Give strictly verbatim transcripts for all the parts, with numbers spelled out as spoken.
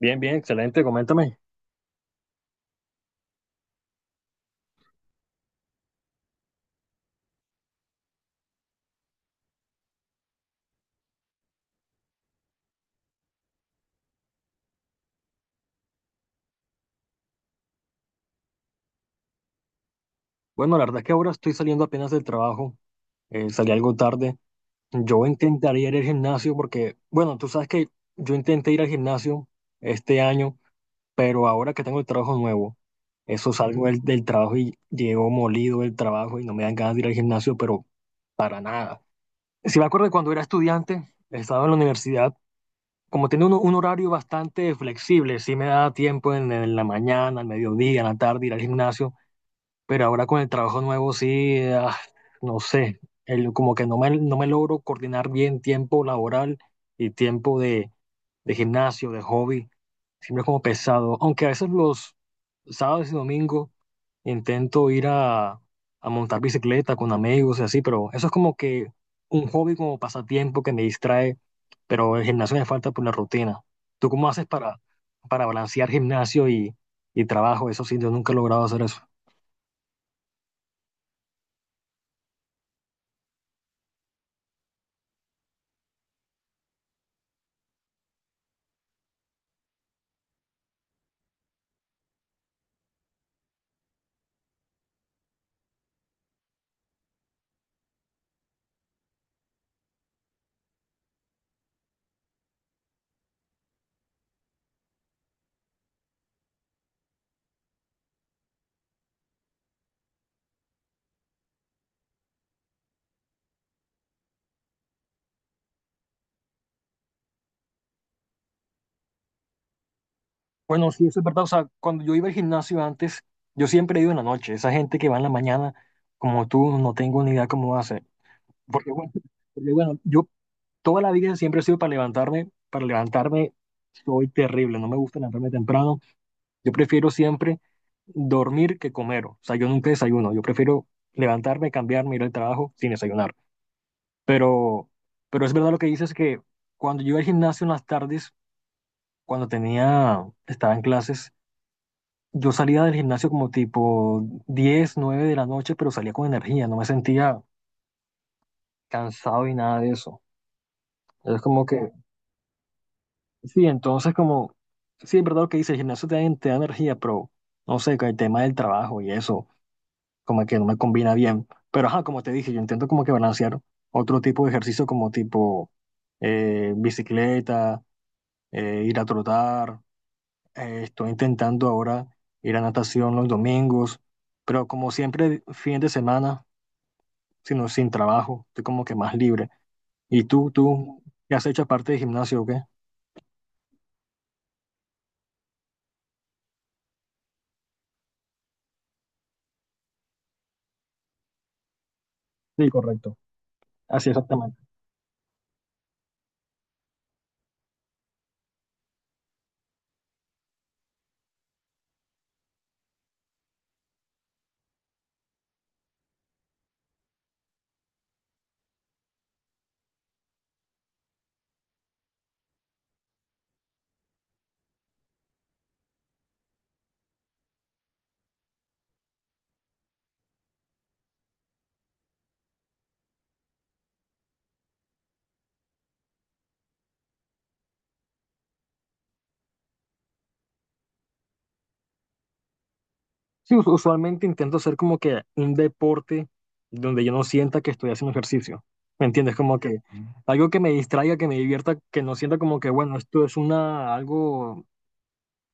Bien, bien, excelente, coméntame. Bueno, la verdad es que ahora estoy saliendo apenas del trabajo, eh, salí algo tarde. Yo intentaría ir al gimnasio porque, bueno, tú sabes que yo intenté ir al gimnasio este año, pero ahora que tengo el trabajo nuevo, eso salgo del, del trabajo y llego molido del trabajo y no me dan ganas de ir al gimnasio, pero para nada. Si me acuerdo de cuando era estudiante, estaba en la universidad, como tenía un, un horario bastante flexible, sí me daba tiempo en, en la mañana, al mediodía, en la tarde ir al gimnasio. Pero ahora con el trabajo nuevo sí, ah, no sé, el- como que no me, no me logro coordinar bien tiempo laboral y tiempo de, de gimnasio, de hobby, siempre como pesado. Aunque a veces los sábados y domingos intento ir a, a montar bicicleta con amigos y así, pero eso es como que un hobby como pasatiempo que me distrae, pero el gimnasio me falta por la rutina. ¿Tú cómo haces para, para balancear gimnasio y, y trabajo? Eso sí, yo nunca he logrado hacer eso. Bueno, sí, eso es verdad. O sea, cuando yo iba al gimnasio antes, yo siempre he ido en la noche. Esa gente que va en la mañana, como tú, no tengo ni idea cómo hace. Porque bueno, porque, bueno, yo toda la vida siempre he sido para levantarme. Para levantarme soy terrible. No me gusta levantarme temprano. Yo prefiero siempre dormir que comer. O sea, yo nunca desayuno. Yo prefiero levantarme, cambiarme, ir al trabajo sin desayunar. Pero, pero es verdad lo que dices que cuando yo iba al gimnasio en las tardes, cuando tenía, estaba en clases. Yo salía del gimnasio como tipo diez nueve de la noche, pero salía con energía, no me sentía cansado y nada de eso. Es como que, sí, entonces como, sí, es verdad lo que dice, el gimnasio te da, te da energía, pero no sé, con el tema del trabajo y eso, como que no me combina bien. Pero ajá, como te dije, yo intento como que balancear otro tipo de ejercicio como tipo eh, bicicleta, eh, ir a trotar, eh, estoy intentando ahora ir a natación los domingos, pero como siempre, fin de semana. Sino sin trabajo, estoy como que más libre. ¿Y tú, tú, qué has hecho aparte de gimnasio o qué? Sí, correcto. Así exactamente. Sí, us- usualmente intento hacer como que un deporte donde yo no sienta que estoy haciendo ejercicio. ¿Me entiendes? Como que Mm. algo que me distraiga, que me divierta, que no sienta como que, bueno, esto es una, algo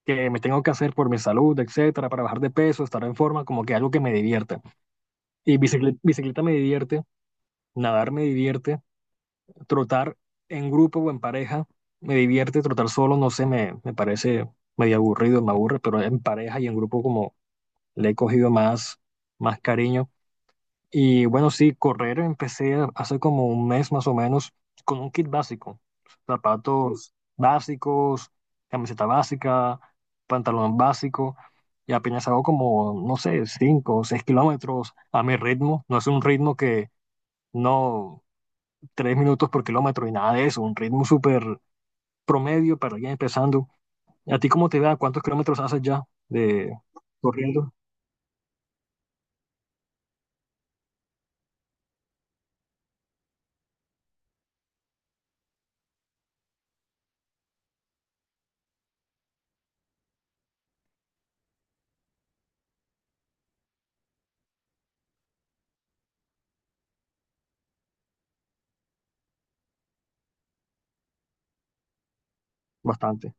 que me tengo que hacer por mi salud, etcétera, para bajar de peso, estar en forma, como que algo que me divierta. Y bicicleta, bicicleta me divierte, nadar me divierte, trotar en grupo o en pareja me divierte, trotar solo, no sé, me, me parece medio aburrido, me aburre, pero en pareja y en grupo como le he cogido más, más cariño. Y bueno, sí, correr empecé hace como un mes más o menos con un kit básico, zapatos básicos, camiseta básica, pantalón básico, y apenas hago como, no sé, cinco o seis kilómetros a mi ritmo, no es un ritmo que no tres minutos por kilómetro y nada de eso, un ritmo súper promedio para alguien empezando. ¿A ti cómo te va? ¿Cuántos kilómetros haces ya de corriendo? Bastante.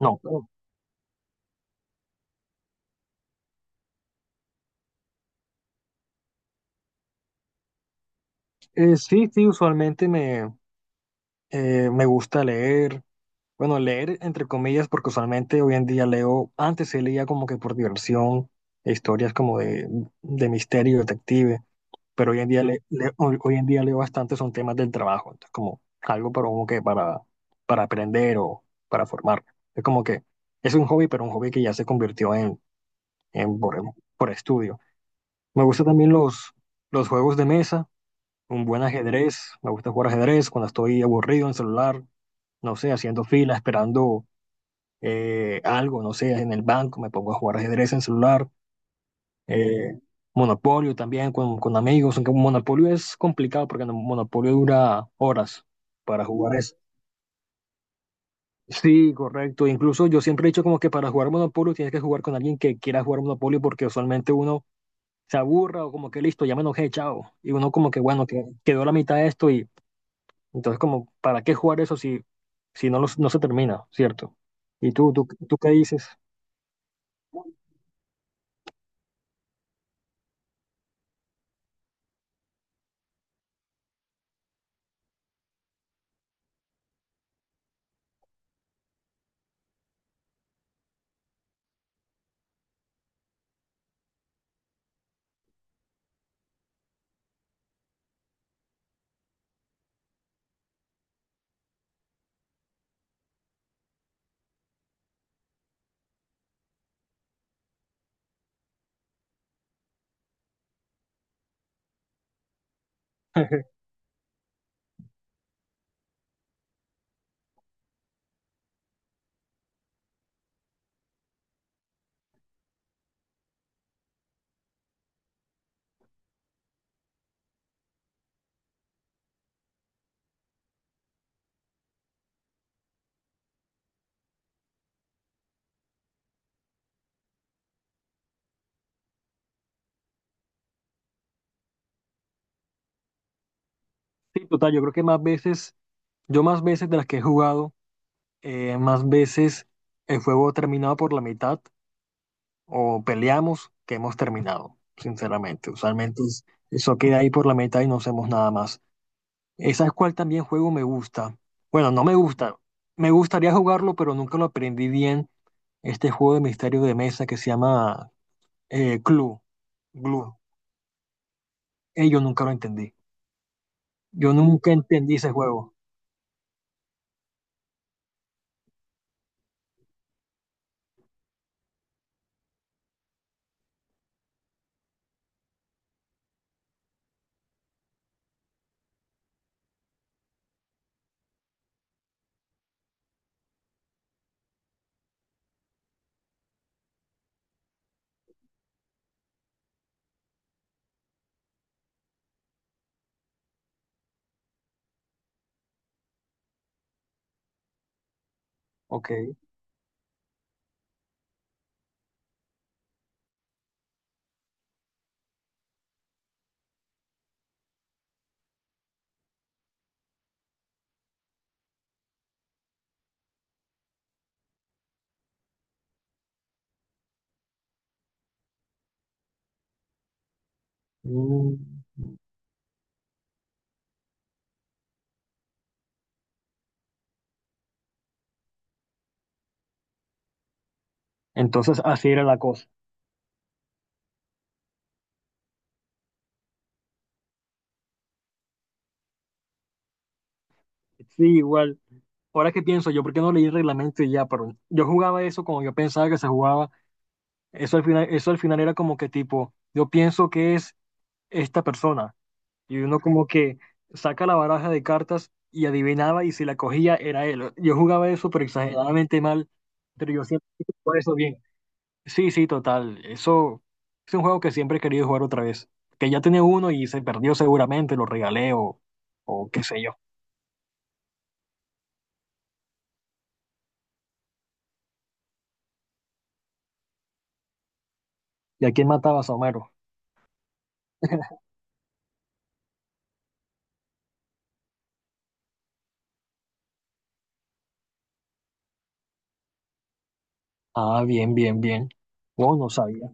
No. Eh, sí, sí, usualmente me, eh, me gusta leer. Bueno, leer entre comillas, porque usualmente hoy en día leo, antes se leía como que por diversión, historias como de, de misterio, detective, pero hoy en día, le, le- hoy, hoy en día leo bastante son temas del trabajo, entonces como algo para como que para, para aprender o para formarme. Es como que es un hobby, pero un hobby que ya se convirtió en, en por, por estudio. Me gustan también los, los juegos de mesa, un buen ajedrez, me gusta jugar ajedrez cuando estoy aburrido en el celular, no sé, haciendo fila, esperando eh, algo, no sé, en el banco, me pongo a jugar ajedrez en celular. eh, Monopolio también con, con amigos, aunque Monopolio es complicado porque no- Monopolio dura horas para jugar eso. Sí, correcto. Incluso yo siempre he dicho como que para jugar Monopolio tienes que jugar con alguien que quiera jugar Monopolio porque usualmente uno se aburra o como que listo, ya me enojé, chao. Y uno como que bueno, que quedó la mitad de esto y entonces como, ¿para qué jugar eso si, si no, los- no se termina, ¿cierto? ¿Y tú, tú, tú qué dices? Sí, total, yo creo que más veces, yo más veces de las que he jugado eh, más veces el juego ha terminado por la mitad o peleamos que hemos terminado, sinceramente. Usualmente es- eso queda ahí por la mitad y no hacemos nada más. ¿Esa es cuál también juego me gusta? Bueno, no me gusta. Me gustaría jugarlo, pero nunca lo aprendí bien. Este juego de misterio de mesa que se llama eh, Clue. Glue. Eh, yo nunca lo entendí. Yo nunca entendí ese juego. Ok. Mm. Entonces así era la cosa. Sí, igual. Ahora que pienso, yo por qué no leí el reglamento y ya, pero yo jugaba eso como yo pensaba que se jugaba. Eso al final, eso al final era como que tipo, yo pienso que es esta persona. Y uno como que saca la baraja de cartas y adivinaba y si la cogía era él. Yo jugaba eso pero exageradamente mal, pero yo siempre jugaba eso bien. Sí, sí, total. Eso es un juego que siempre he querido jugar otra vez. Que ya tenía uno y se perdió seguramente, lo regalé o, o qué sé yo. ¿Y a quién matabas, Homero? Ah, bien, bien, bien. No, no sabía.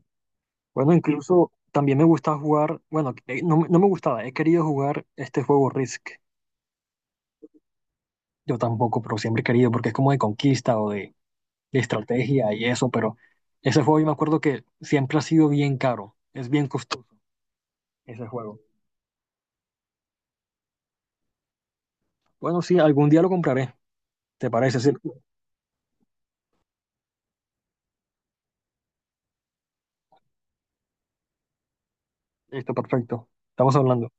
Bueno, incluso también me gusta jugar, bueno, eh, no, me- no me gustaba, he querido jugar este juego Risk. Yo tampoco, pero siempre he querido, porque es como de conquista o de, de estrategia y eso, pero ese juego yo me acuerdo que siempre ha sido bien caro, es bien costoso ese juego. Bueno, sí, algún día lo compraré, ¿te parece? Sí, listo, perfecto. Estamos hablando.